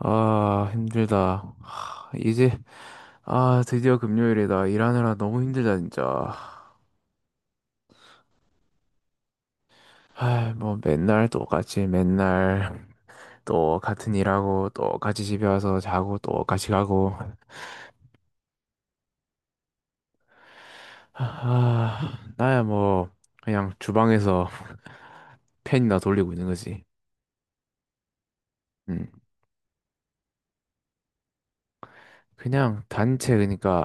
아, 힘들다. 하, 이제, 아, 드디어 금요일이다. 일하느라 너무 힘들다, 진짜. 아, 뭐, 맨날 똑같이, 맨날 또 같은 일하고, 또 같이 집에 와서 자고, 또 같이 가고. 아, 나야 뭐, 그냥 주방에서 팬이나 돌리고 있는 거지. 음, 그냥 단체, 그러니까,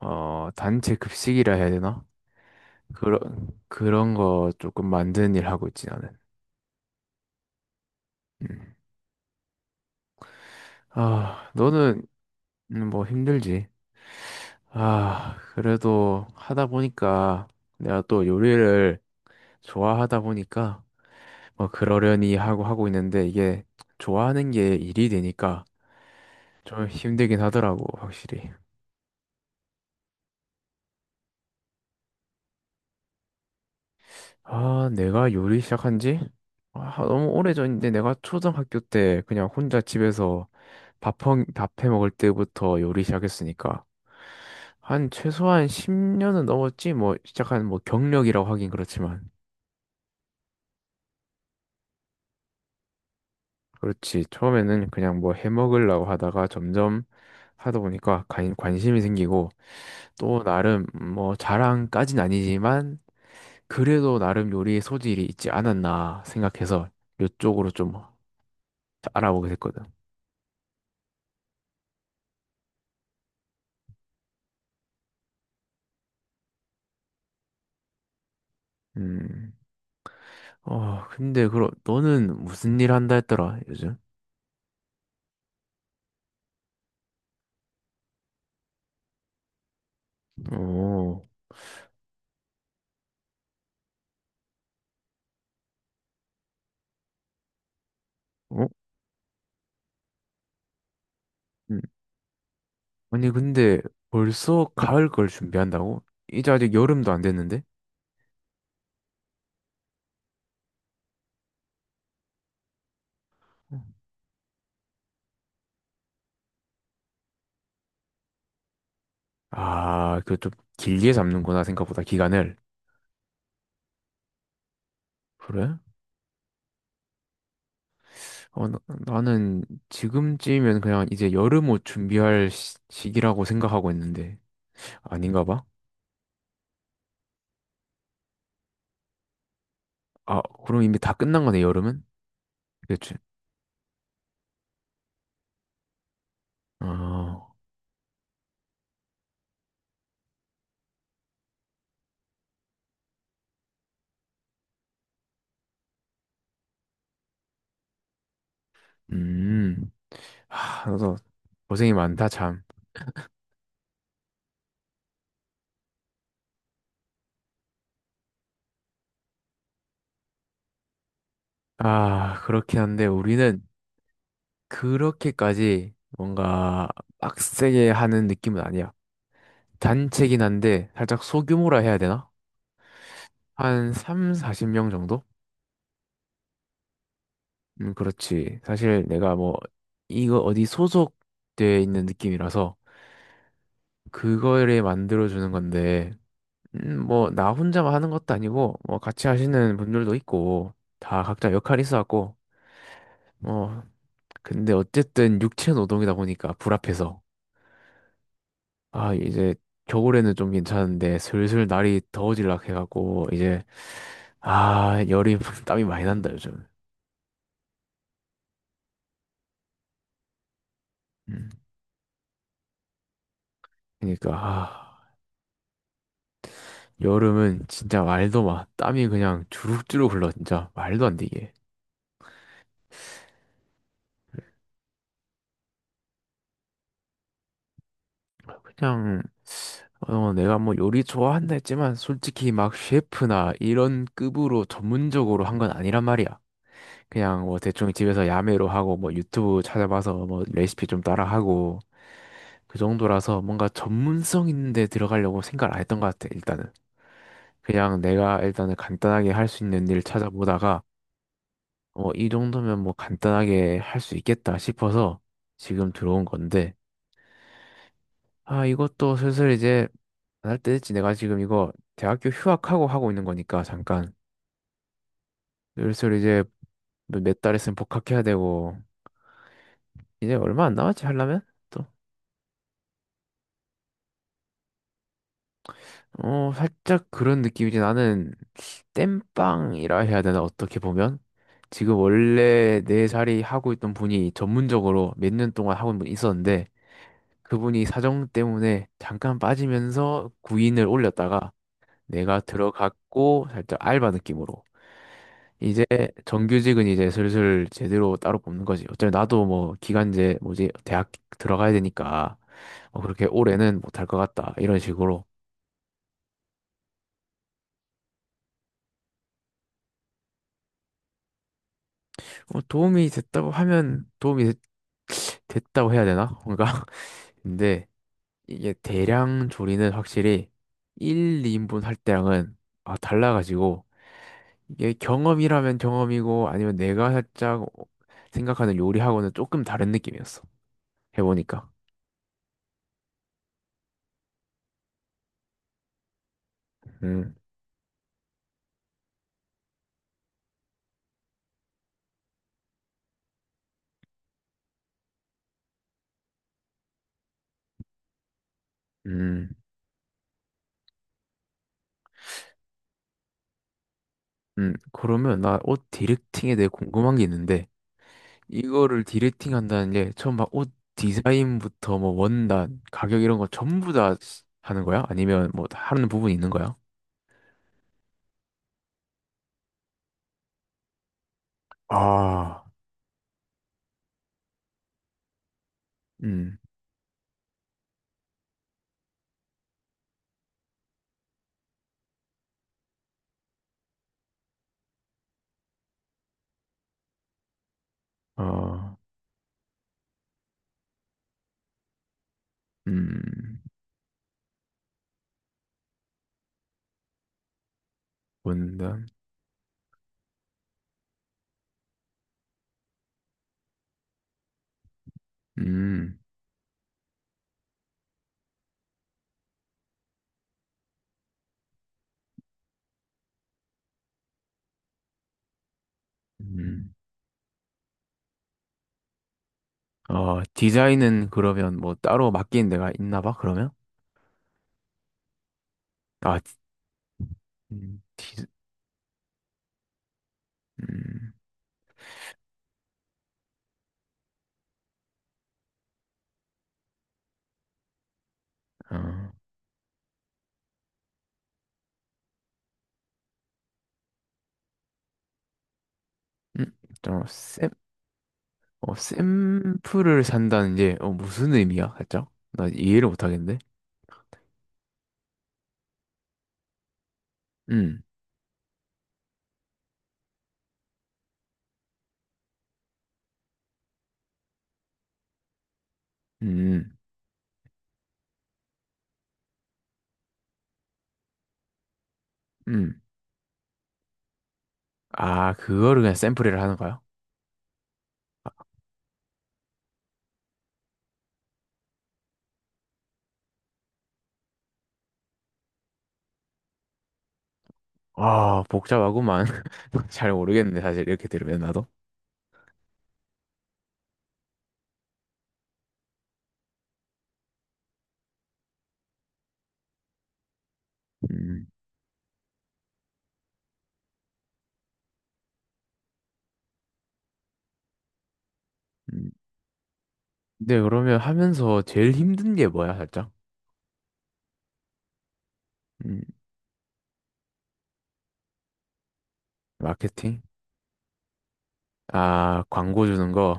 단체 급식이라 해야 되나? 그런, 그런 거 조금 만드는 일 하고 있지, 나는. 음. 아, 너는 뭐 힘들지. 아, 그래도 하다 보니까 내가 또 요리를 좋아하다 보니까 뭐 그러려니 하고 하고 있는데 이게 좋아하는 게 일이 되니까 좀 힘들긴 하더라고, 확실히. 아, 내가 요리 시작한 지? 아, 너무 오래전인데 내가 초등학교 때 그냥 혼자 집에서 밥해 먹을 때부터 요리 시작했으니까 한 최소한 10년은 넘었지 뭐 시작한 뭐 경력이라고 하긴 그렇지만. 그렇지. 처음에는 그냥 뭐 해먹으려고 하다가 점점 하다 보니까 관심이 생기고 또 나름 뭐 자랑까진 아니지만 그래도 나름 요리의 소질이 있지 않았나 생각해서 이쪽으로 좀 알아보게 됐거든. 음. 근데 그럼 너는 무슨 일 한다 했더라, 요즘? 오. 어? 음. 아니 근데 벌써 가을 걸 준비한다고? 이제 아직 여름도 안 됐는데? 아, 그 좀 길게 잡는구나 생각보다 기간을. 그래? 어, 나는 지금쯤이면 그냥 이제 여름 옷 준비할 시기라고 생각하고 있는데 아닌가 봐. 아, 그럼 이미 다 끝난 거네, 여름은? 그치? 아, 음. 하, 너도 고생이 많다, 참. 아, 그렇긴 한데 우리는 그렇게까지 뭔가 빡세게 하는 느낌은 아니야. 단체긴 한데 살짝 소규모라 해야 되나? 한 3, 40명 정도? 그렇지. 사실 내가 뭐, 이거 어디 소속돼 있는 느낌이라서, 그거를 만들어주는 건데, 뭐, 나 혼자만 하는 것도 아니고, 뭐, 같이 하시는 분들도 있고, 다 각자 역할이 있어갖고, 뭐, 근데 어쨌든 육체 노동이다 보니까 불합해서, 아, 이제 겨울에는 좀 괜찮은데, 슬슬 날이 더워질락 해갖고, 이제, 아, 열이, 땀이 많이 난다, 요즘. 음, 그러니까, 아. 여름은 진짜 말도 마. 땀이 그냥 주룩주룩 흘러, 진짜. 말도 안 되게. 그냥, 내가 뭐 요리 좋아한다 했지만, 솔직히 막 셰프나 이런 급으로 전문적으로 한 건 아니란 말이야. 그냥 뭐 대충 집에서 야매로 하고, 뭐 유튜브 찾아봐서 뭐 레시피 좀 따라하고, 그 정도라서 뭔가 전문성 있는데 들어가려고 생각을 안 했던 것 같아, 일단은. 그냥 내가 일단은 간단하게 할 수 있는 일 찾아보다가, 이 정도면 뭐 간단하게 할 수 있겠다 싶어서 지금 들어온 건데, 아, 이것도 슬슬 이제 안 할 때 됐지. 내가 지금 이거 대학교 휴학하고 하고 있는 거니까 잠깐. 슬슬 이제 뭐 몇달 있으면 복학해야 되고, 이제 얼마 안 남았지 하려면? 또. 어, 살짝 그런 느낌이지. 나는 땜빵이라 해야 되나, 어떻게 보면? 지금 원래 내 자리 하고 있던 분이 전문적으로 몇 년 동안 하고 있는 분이 있었는데, 그분이 사정 때문에 잠깐 빠지면서 구인을 올렸다가 내가 들어갔고 살짝 알바 느낌으로 이제 정규직은 이제 슬슬 제대로 따로 뽑는 거지. 어차피 나도 뭐 기간제 뭐지 대학 들어가야 되니까 어, 그렇게 올해는 못할 것 같다 이런 식으로. 어, 도움이 됐다고 하면 도움이 됐다고 해야 되나? 뭔가 근데 이게 대량 조리는 확실히 1, 2인분 할 때랑은 아 달라가지고 이게 경험이라면 경험이고 아니면 내가 살짝 생각하는 요리하고는 조금 다른 느낌이었어. 해보니까. 음, 음, 그러면 나 옷 디렉팅에 대해 궁금한 게 있는데 이거를 디렉팅 한다는 게 처음 막 옷 디자인부터 뭐 원단, 가격 이런 거 전부 다 하는 거야? 아니면 뭐 하는 부분이 있는 거야? 아, 음, 어. 음, 원단, 음, 음. 어, 디자인은 그러면 뭐 따로 맡기는 데가 있나 봐, 그러면? 아, 디, 디- 음, 아, 음, 좀 샘, 어, 샘플을 산다는 게 무슨 의미야? 살짝? 나 이해를 못하겠는데? 음, 음, 음. 아, 그거를 그냥 샘플이라 하는 거야? 아, 복잡하구만. 잘 모르겠네, 사실 이렇게 들으면 나도. 음, 음. 근데 그러면 하면서 제일 힘든 게 뭐야, 살짝? 음, 마케팅? 아, 광고 주는 거.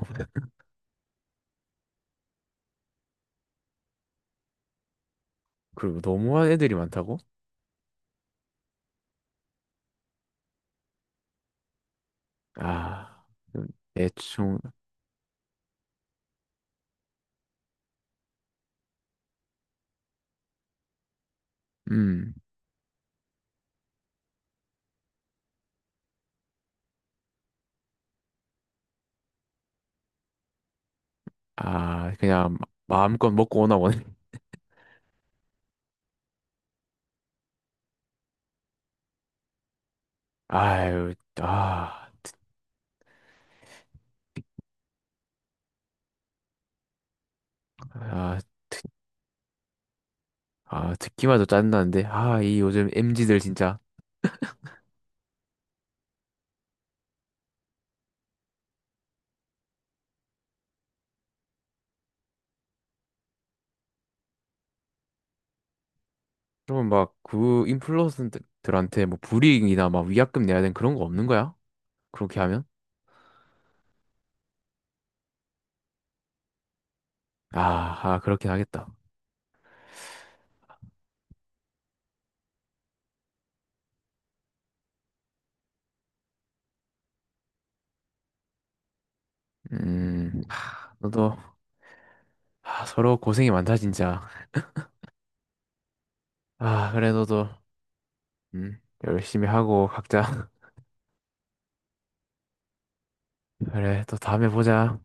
그리고 너무한 애들이 많다고? 아, 대충, 음. 아, 그냥 마음껏 먹고 오나 보네. 아유, 아, 아, 아, 듣기만 해도 짜증나는데. 아, 이 요즘 m 지들 진짜. 그러면 막 그 인플루언서들한테 뭐 불이익이나 막 위약금 내야 되는 그런 거 없는 거야? 그렇게 하면? 아, 아, 그렇긴 하겠다. 하, 너도. 아, 서로 고생이 많다 진짜. 아, 그래 너도 음, 열심히 하고 각자. 그래 또 다음에 보자.